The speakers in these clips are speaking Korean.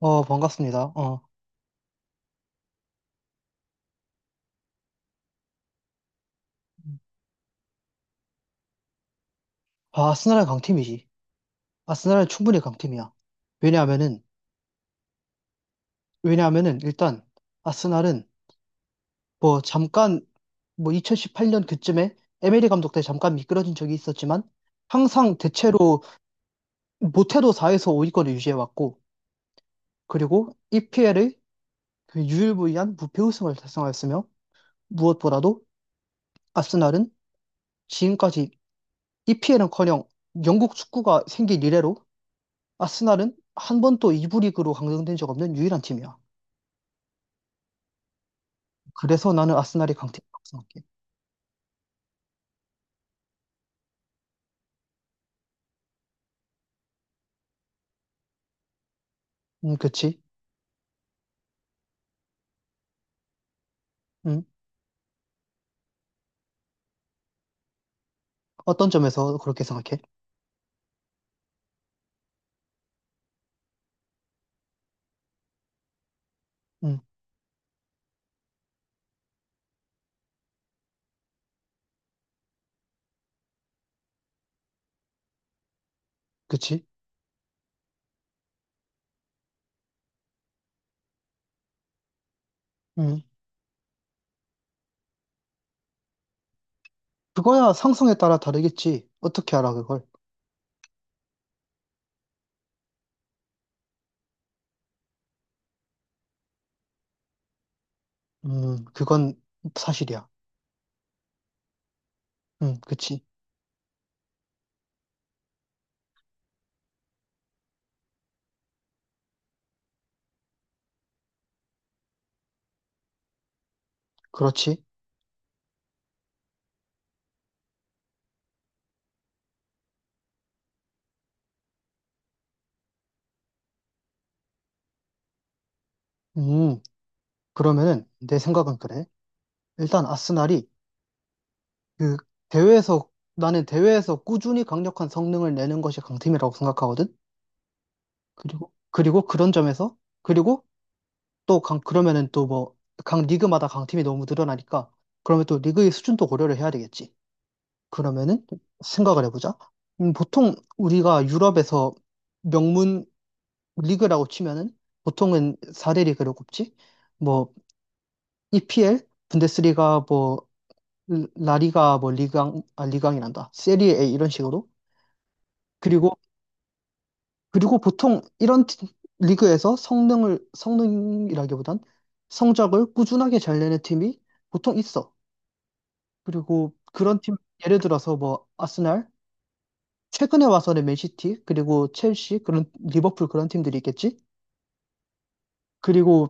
반갑습니다. 어. 아, 아스날은 강팀이지. 아스날은 충분히 강팀이야. 왜냐하면은, 왜냐하면은, 일단, 아스날은, 뭐, 잠깐, 뭐, 2018년 그쯤에, 에메리 감독 때 잠깐 미끄러진 적이 있었지만, 항상 대체로, 못해도 4에서 5위권을 유지해왔고, 그리고, EPL의 그 유일무이한 무패 우승을 달성하였으며, 무엇보다도, 아스날은 지금까지 EPL은커녕 영국 축구가 생긴 이래로 아스날은 한 번도 2부 리그로 강등된 적 없는 유일한 팀이야. 그래서 나는 아스날이 강팀이라고 생각해. 그치? 음, 어떤 점에서 그렇게 생각해? 음, 그치? 음, 그거야 상승에 따라 다르겠지. 어떻게 알아, 그걸? 그건 사실이야. 그치? 그렇지? 음, 그러면은 내 생각은 그래. 일단 그 대회에서, 나는 대회에서 꾸준히 강력한 성능을 내는 것이 강팀이라고 생각하거든? 그리고 그런 점에서, 그리고 그러면은 또 뭐, 각 리그마다 강팀이 너무 늘어나니까, 그러면 또 리그의 수준도 고려를 해야 되겠지. 그러면은 생각을 해보자. 보통 우리가 유럽에서 명문 리그라고 치면은 보통은 4대 리그로 꼽지. 뭐, EPL, 분데스리가, 뭐, 라리가, 뭐, 리강, 아, 리강이란다. 세리에 A 이런 식으로. 그리고, 그리고 보통 이런 리그에서 성능이라기보단 성적을 꾸준하게 잘 내는 팀이 보통 있어. 그리고 그런 팀, 예를 들어서 뭐, 아스날, 최근에 와서는 맨시티, 그리고 첼시, 그런, 리버풀 그런 팀들이 있겠지? 그리고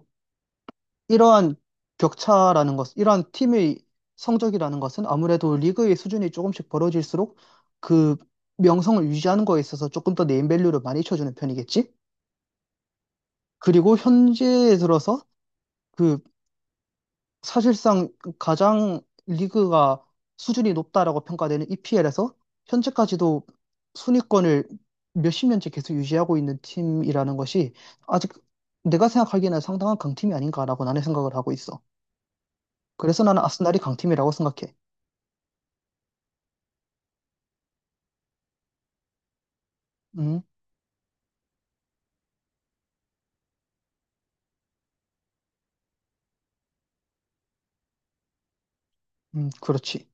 이러한 격차라는 것, 이러한 팀의 성적이라는 것은 아무래도 리그의 수준이 조금씩 벌어질수록 그 명성을 유지하는 거에 있어서 조금 더 네임밸류를 많이 쳐주는 편이겠지? 그리고 현재에 들어서 그 사실상 가장 리그가 수준이 높다라고 평가되는 EPL에서 현재까지도 순위권을 몇십 년째 계속 유지하고 있는 팀이라는 것이 아직 내가 생각하기에는 상당한 강팀이 아닌가라고 나는 생각을 하고 있어. 그래서 나는 아스날이 강팀이라고 생각해. 음, 그렇지.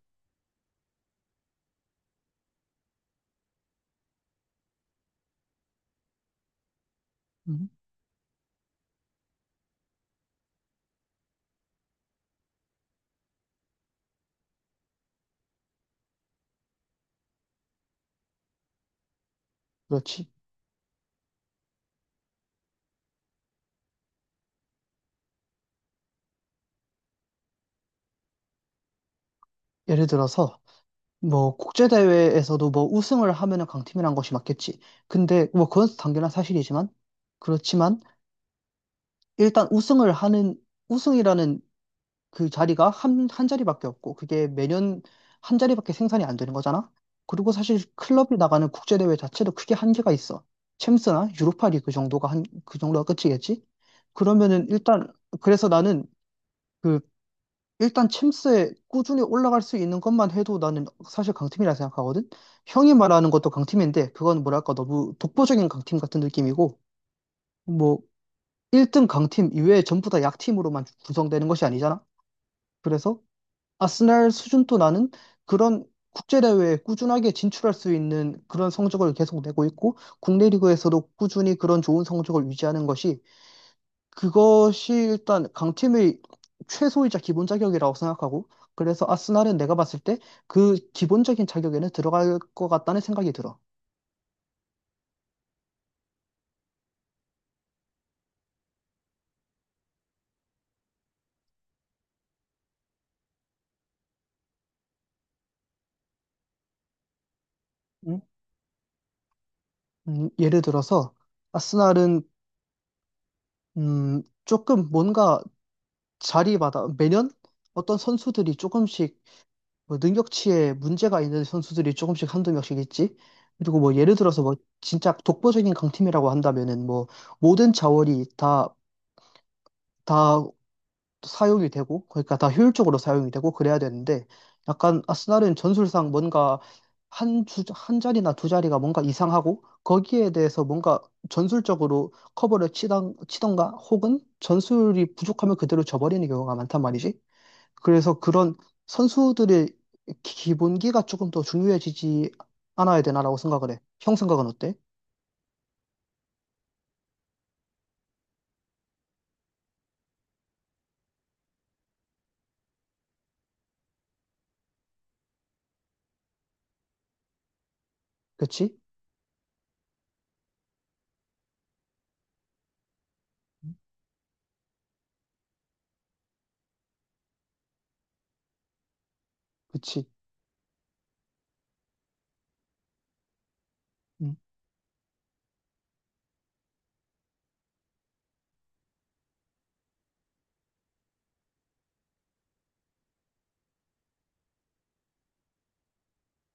음, 그렇지. 예를 들어서 뭐 국제대회에서도 뭐 우승을 하면은 강팀이란 것이 맞겠지. 근데 뭐 그건 당연한 사실이지만 그렇지만 일단 우승을 하는 우승이라는 그 자리가 한, 한 자리밖에 없고 그게 매년 한 자리밖에 생산이 안 되는 거잖아. 그리고 사실 클럽이 나가는 국제대회 자체도 크게 한계가 있어. 챔스나 유로파 리그 정도가 그 정도가 끝이겠지? 그러면은 일단 그래서 나는 그 일단 챔스에 꾸준히 올라갈 수 있는 것만 해도 나는 사실 강팀이라 생각하거든. 형이 말하는 것도 강팀인데 그건 뭐랄까 너무 독보적인 강팀 같은 느낌이고 뭐 1등 강팀 이외에 전부 다 약팀으로만 구성되는 것이 아니잖아. 그래서 아스날 수준도 나는 그런 국제대회에 꾸준하게 진출할 수 있는 그런 성적을 계속 내고 있고, 국내 리그에서도 꾸준히 그런 좋은 성적을 유지하는 것이, 그것이 일단 강팀의 최소이자 기본 자격이라고 생각하고, 그래서 아스날은 내가 봤을 때 그 기본적인 자격에는 들어갈 것 같다는 생각이 들어. 음? 예를 들어서, 아스날은, 조금 뭔가 자리마다 매년 어떤 선수들이 조금씩 뭐 능력치에 문제가 있는 선수들이 조금씩 한두 명씩 있지. 그리고 뭐 예를 들어서 뭐 진짜 독보적인 강팀이라고 한다면은 뭐 모든 자원이 다, 다 사용이 되고 그러니까 다 효율적으로 사용이 되고 그래야 되는데 약간 아스날은 전술상 뭔가 한 자리나 두 자리가 뭔가 이상하고 거기에 대해서 뭔가 전술적으로 커버를 치던가 혹은 전술이 부족하면 그대로 져버리는 경우가 많단 말이지. 그래서 그런 선수들의 기본기가 조금 더 중요해지지 않아야 되나라고 생각을 해. 형 생각은 어때? 그치? 그치. 음,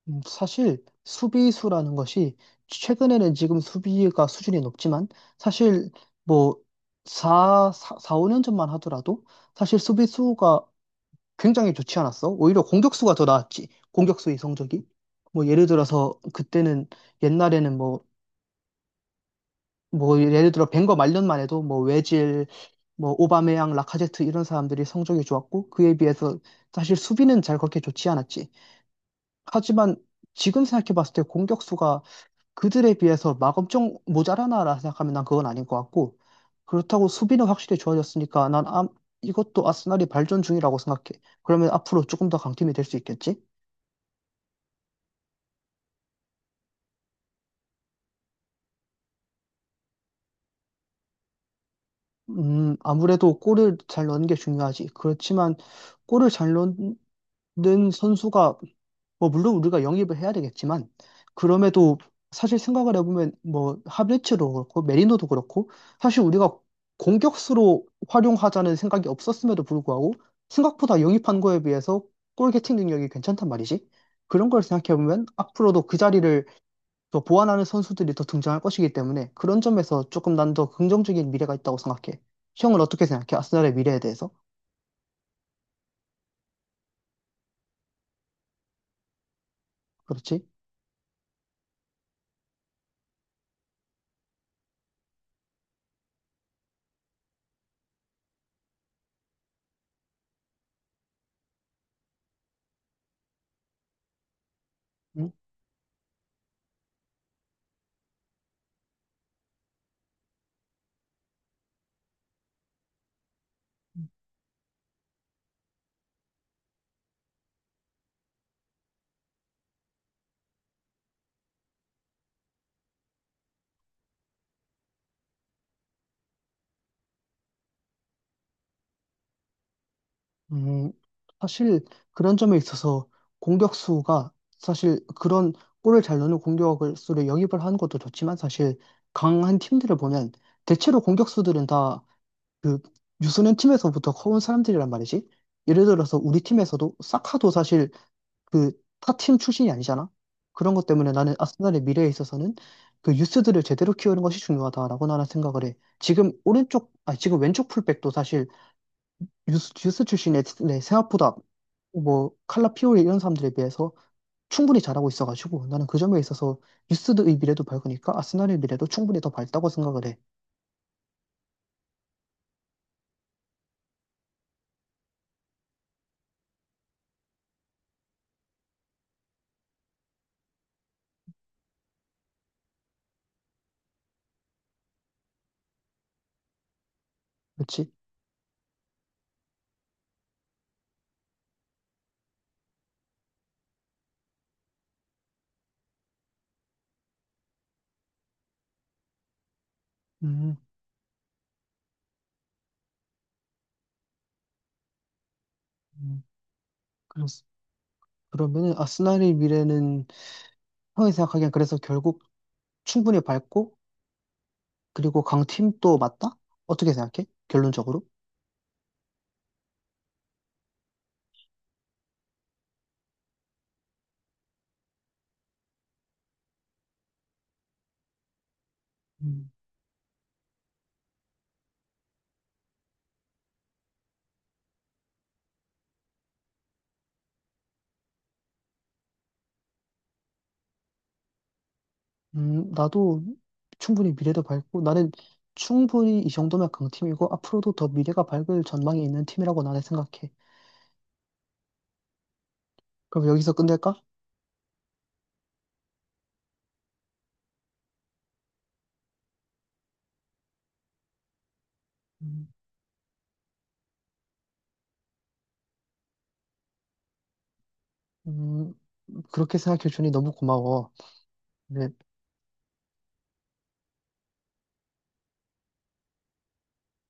사실 수비수라는 것이 최근에는 지금 수비가 수준이 높지만 사실 뭐 4, 사 4, 5년 전만 하더라도 사실 수비수가 굉장히 좋지 않았어. 오히려 공격수가 더 나았지. 공격수의 성적이. 뭐 예를 들어서 그때는 옛날에는 뭐 예를 들어 벵거 말년만 해도 뭐 외질, 뭐 오바메양, 라카제트 이런 사람들이 성적이 좋았고 그에 비해서 사실 수비는 잘 그렇게 좋지 않았지. 하지만 지금 생각해 봤을 때 공격수가 그들에 비해서 막 엄청 모자라나라 생각하면 난 그건 아닌 것 같고 그렇다고 수비는 확실히 좋아졌으니까 난 아, 이것도 아스날이 발전 중이라고 생각해. 그러면 앞으로 조금 더 강팀이 될 수 있겠지? 아무래도 골을 잘 넣는 게 중요하지. 그렇지만 골을 잘 넣는 선수가 뭐 물론 우리가 영입을 해야 되겠지만 그럼에도 사실 생각을 해보면 뭐 하베츠도 그렇고 메리노도 그렇고 사실 우리가 공격수로 활용하자는 생각이 없었음에도 불구하고 생각보다 영입한 거에 비해서 골게팅 능력이 괜찮단 말이지. 그런 걸 생각해보면 앞으로도 그 자리를 더 보완하는 선수들이 더 등장할 것이기 때문에 그런 점에서 조금 난 더 긍정적인 미래가 있다고 생각해. 형은 어떻게 생각해? 아스날의 미래에 대해서? 그렇지? 음, 사실 그런 점에 있어서 공격수가 사실 그런 골을 잘 넣는 공격수를 영입을 하는 것도 좋지만 사실 강한 팀들을 보면 대체로 공격수들은 다 그 유소년 팀에서부터 커온 사람들이란 말이지. 예를 들어서 우리 팀에서도 사카도 사실 그 타 팀 출신이 아니잖아. 그런 것 때문에 나는 아스날의 미래에 있어서는 그 유스들을 제대로 키우는 것이 중요하다라고 나는 생각을 해. 지금 아 지금 왼쪽 풀백도 사실 유스 출신 애들이 생각보다 뭐 칼라 피오리 이런 사람들에 비해서 충분히 잘하고 있어가지고 나는 그 점에 있어서 유스의 미래도 밝으니까 아스날의 미래도 충분히 더 밝다고 생각을 해. 그렇지? 음, 음, 그렇 그러면은 아스날의 미래는 형이 생각하기엔 그래서 결국 충분히 밝고 그리고 강팀도 맞다? 어떻게 생각해? 결론적으로? 음, 나도 충분히 미래도 밝고 나는 충분히 이 정도면 강팀이고 앞으로도 더 미래가 밝을 전망이 있는 팀이라고 나는 생각해. 그럼 여기서 끝낼까? 음, 음, 그렇게 생각해주니 너무 고마워. 네,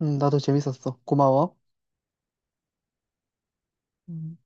나도 재밌었어. 고마워. 음.